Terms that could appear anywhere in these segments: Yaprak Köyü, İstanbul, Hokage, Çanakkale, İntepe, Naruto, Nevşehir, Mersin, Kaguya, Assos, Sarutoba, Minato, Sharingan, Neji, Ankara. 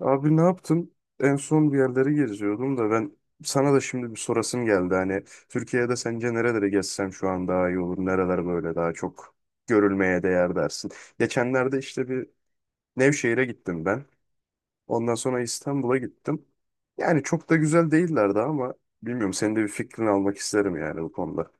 Abi ne yaptın? En son bir yerleri geziyordum da ben sana da şimdi bir sorasım geldi. Hani Türkiye'de sence nerelere gezsem şu an daha iyi olur? Nereler böyle daha çok görülmeye değer dersin? Geçenlerde işte bir Nevşehir'e gittim ben. Ondan sonra İstanbul'a gittim. Yani çok da güzel değillerdi ama bilmiyorum senin de bir fikrini almak isterim yani bu konuda.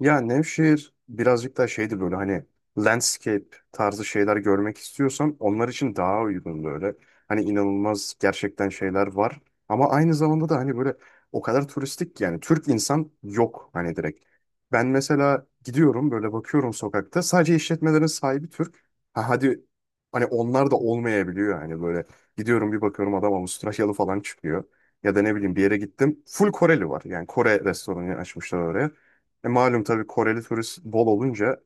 Ya Nevşehir birazcık daha şeydi böyle hani landscape tarzı şeyler görmek istiyorsan onlar için daha uygun böyle. Hani inanılmaz gerçekten şeyler var. Ama aynı zamanda da hani böyle o kadar turistik ki yani Türk insan yok hani direkt. Ben mesela gidiyorum böyle bakıyorum sokakta sadece işletmelerin sahibi Türk. Ha hadi hani onlar da olmayabiliyor hani böyle gidiyorum bir bakıyorum adam Avustralyalı falan çıkıyor. Ya da ne bileyim bir yere gittim full Koreli var yani Kore restoranı açmışlar oraya. Malum tabii Koreli turist bol olunca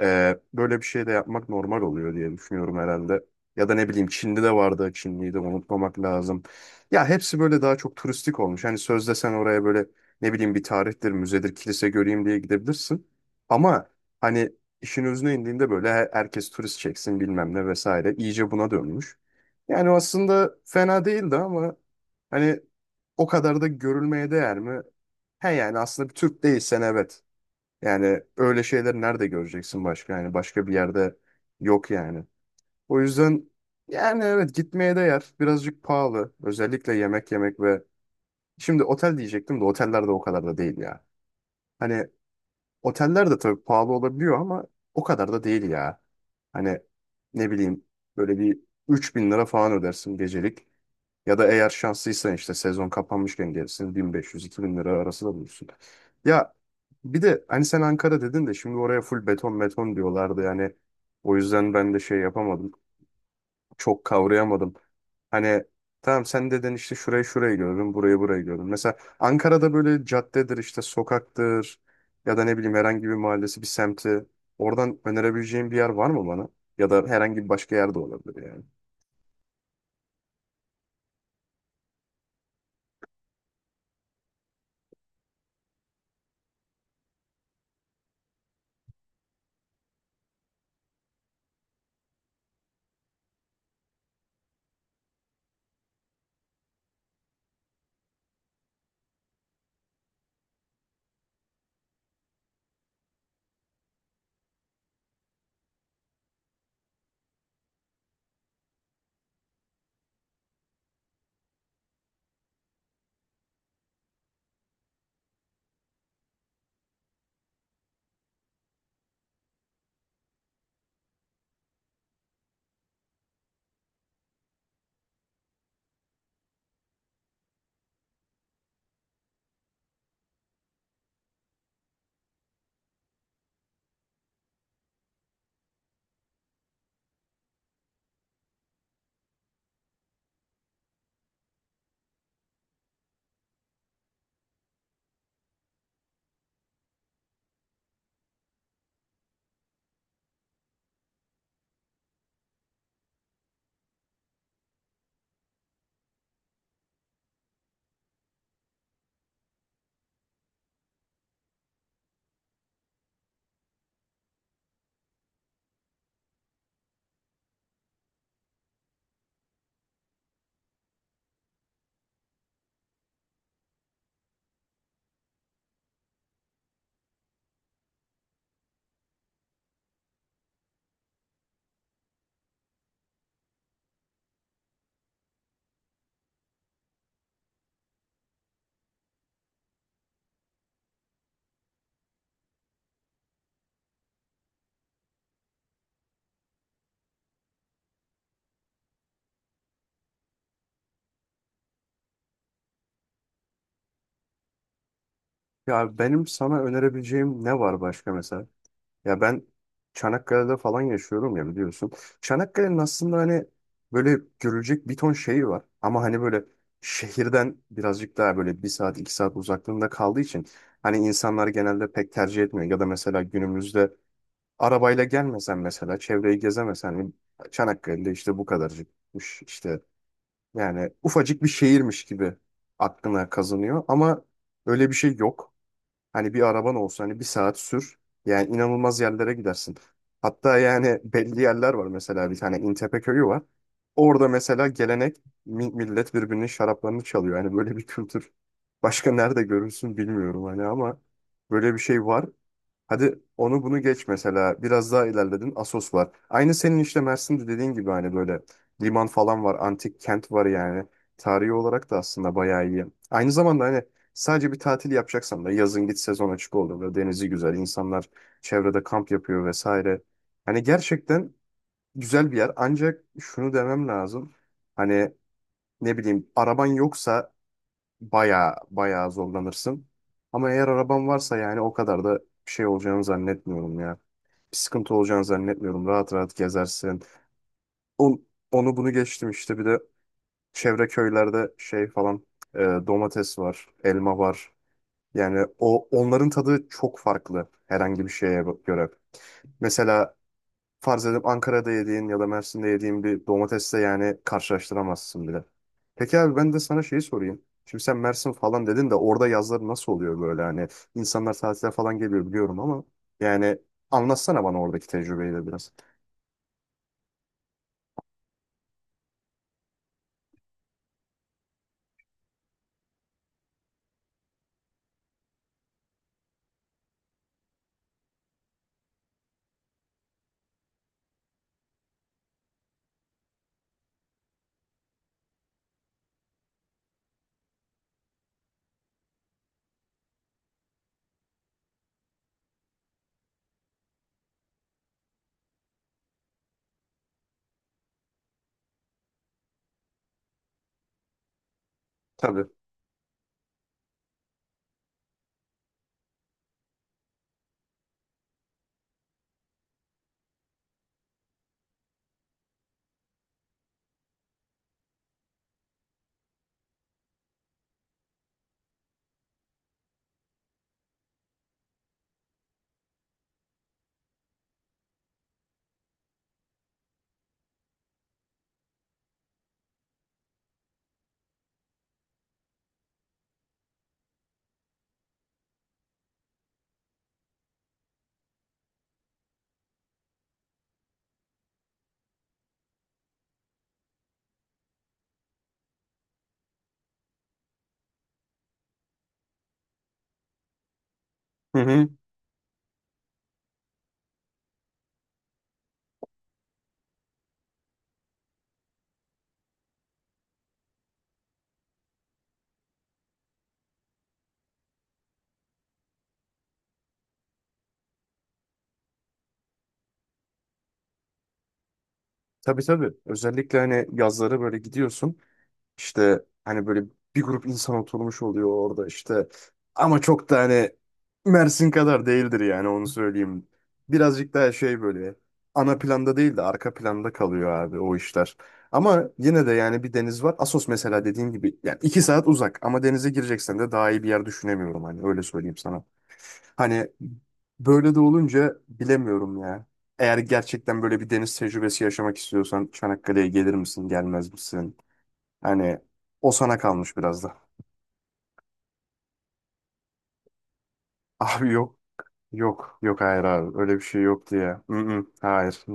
böyle bir şey de yapmak normal oluyor diye düşünüyorum herhalde. Ya da ne bileyim Çin'de de vardı. Çinliyi de unutmamak lazım. Ya hepsi böyle daha çok turistik olmuş. Hani sözde sen oraya böyle ne bileyim bir tarihtir, müzedir, kilise göreyim diye gidebilirsin. Ama hani işin özüne indiğinde böyle herkes turist çeksin bilmem ne vesaire. İyice buna dönmüş. Yani aslında fena değildi ama hani o kadar da görülmeye değer mi? He yani aslında bir Türk değilsen evet. Yani öyle şeyler nerede göreceksin başka? Yani başka bir yerde yok yani. O yüzden yani evet gitmeye değer. Birazcık pahalı. Özellikle yemek yemek ve şimdi otel diyecektim de oteller de o kadar da değil ya. Hani oteller de tabii pahalı olabiliyor ama o kadar da değil ya. Hani ne bileyim böyle bir 3.000 lira falan ödersin gecelik. Ya da eğer şanslıysan işte sezon kapanmışken gelirsin 1500-2000 lira arası da bulursun. Ya bir de hani sen Ankara dedin de şimdi oraya full beton beton diyorlardı yani. O yüzden ben de şey yapamadım. Çok kavrayamadım. Hani tamam sen dedin işte şurayı şurayı gördüm, burayı burayı gördüm. Mesela Ankara'da böyle caddedir işte sokaktır ya da ne bileyim herhangi bir mahallesi bir semti. Oradan önerebileceğin bir yer var mı bana? Ya da herhangi bir başka yerde olabilir yani. Ya benim sana önerebileceğim ne var başka mesela? Ya ben Çanakkale'de falan yaşıyorum ya biliyorsun. Çanakkale'nin aslında hani böyle görülecek bir ton şeyi var. Ama hani böyle şehirden birazcık daha böyle 1 saat 2 saat uzaklığında kaldığı için hani insanlar genelde pek tercih etmiyor. Ya da mesela günümüzde arabayla gelmesen mesela çevreyi gezemesen hani Çanakkale'de işte bu kadarcıkmış işte. Yani ufacık bir şehirmiş gibi aklına kazanıyor ama öyle bir şey yok. Hani bir araban olsa hani 1 saat sür. Yani inanılmaz yerlere gidersin. Hatta yani belli yerler var mesela bir tane İntepe köyü var. Orada mesela gelenek millet birbirinin şaraplarını çalıyor. Yani böyle bir kültür başka nerede görürsün bilmiyorum hani ama böyle bir şey var. Hadi onu bunu geç mesela. Biraz daha ilerledin. Assos var. Aynı senin işte Mersin'de dediğin gibi hani böyle liman falan var. Antik kent var yani. Tarihi olarak da aslında bayağı iyi. Aynı zamanda hani sadece bir tatil yapacaksan da yazın git sezon açık oldu. Böyle denizi güzel. İnsanlar çevrede kamp yapıyor vesaire. Hani gerçekten güzel bir yer. Ancak şunu demem lazım. Hani ne bileyim araban yoksa bayağı bayağı zorlanırsın. Ama eğer araban varsa yani o kadar da bir şey olacağını zannetmiyorum ya, bir sıkıntı olacağını zannetmiyorum. Rahat rahat gezersin. On- Onu bunu geçtim işte bir de çevre köylerde şey falan, domates var, elma var. Yani o onların tadı çok farklı herhangi bir şeye göre. Mesela farz edip Ankara'da yediğin ya da Mersin'de yediğin bir domatesle yani karşılaştıramazsın bile. Peki abi ben de sana şeyi sorayım. Şimdi sen Mersin falan dedin de orada yazlar nasıl oluyor böyle hani insanlar tatile falan geliyor biliyorum ama yani anlatsana bana oradaki tecrübeyi de biraz. Tabii. Hı hı. Tabii tabii. Özellikle hani yazları böyle gidiyorsun. İşte hani böyle bir grup insan oturmuş oluyor orada işte. Ama çok da hani Mersin kadar değildir yani onu söyleyeyim. Birazcık daha şey böyle ana planda değil de arka planda kalıyor abi o işler. Ama yine de yani bir deniz var. Assos mesela dediğim gibi yani 2 saat uzak ama denize gireceksen de daha iyi bir yer düşünemiyorum hani öyle söyleyeyim sana. Hani böyle de olunca bilemiyorum ya. Eğer gerçekten böyle bir deniz tecrübesi yaşamak istiyorsan Çanakkale'ye gelir misin, gelmez misin? Hani o sana kalmış biraz da. Abi yok, yok, yok hayır abi. Öyle bir şey yoktu ya. Mm-mm, hayır.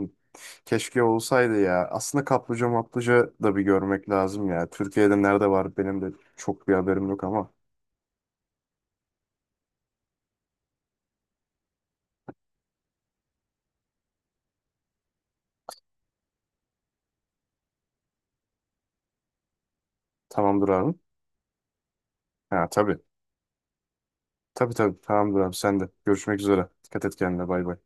Keşke olsaydı ya. Aslında kaplıca maplıca da bir görmek lazım ya. Türkiye'de nerede var benim de çok bir haberim yok ama. Tamamdır abi. Ha tabii. Tabii tabii. Tamamdır abi sen de. Görüşmek üzere. Dikkat et kendine. Bay bay.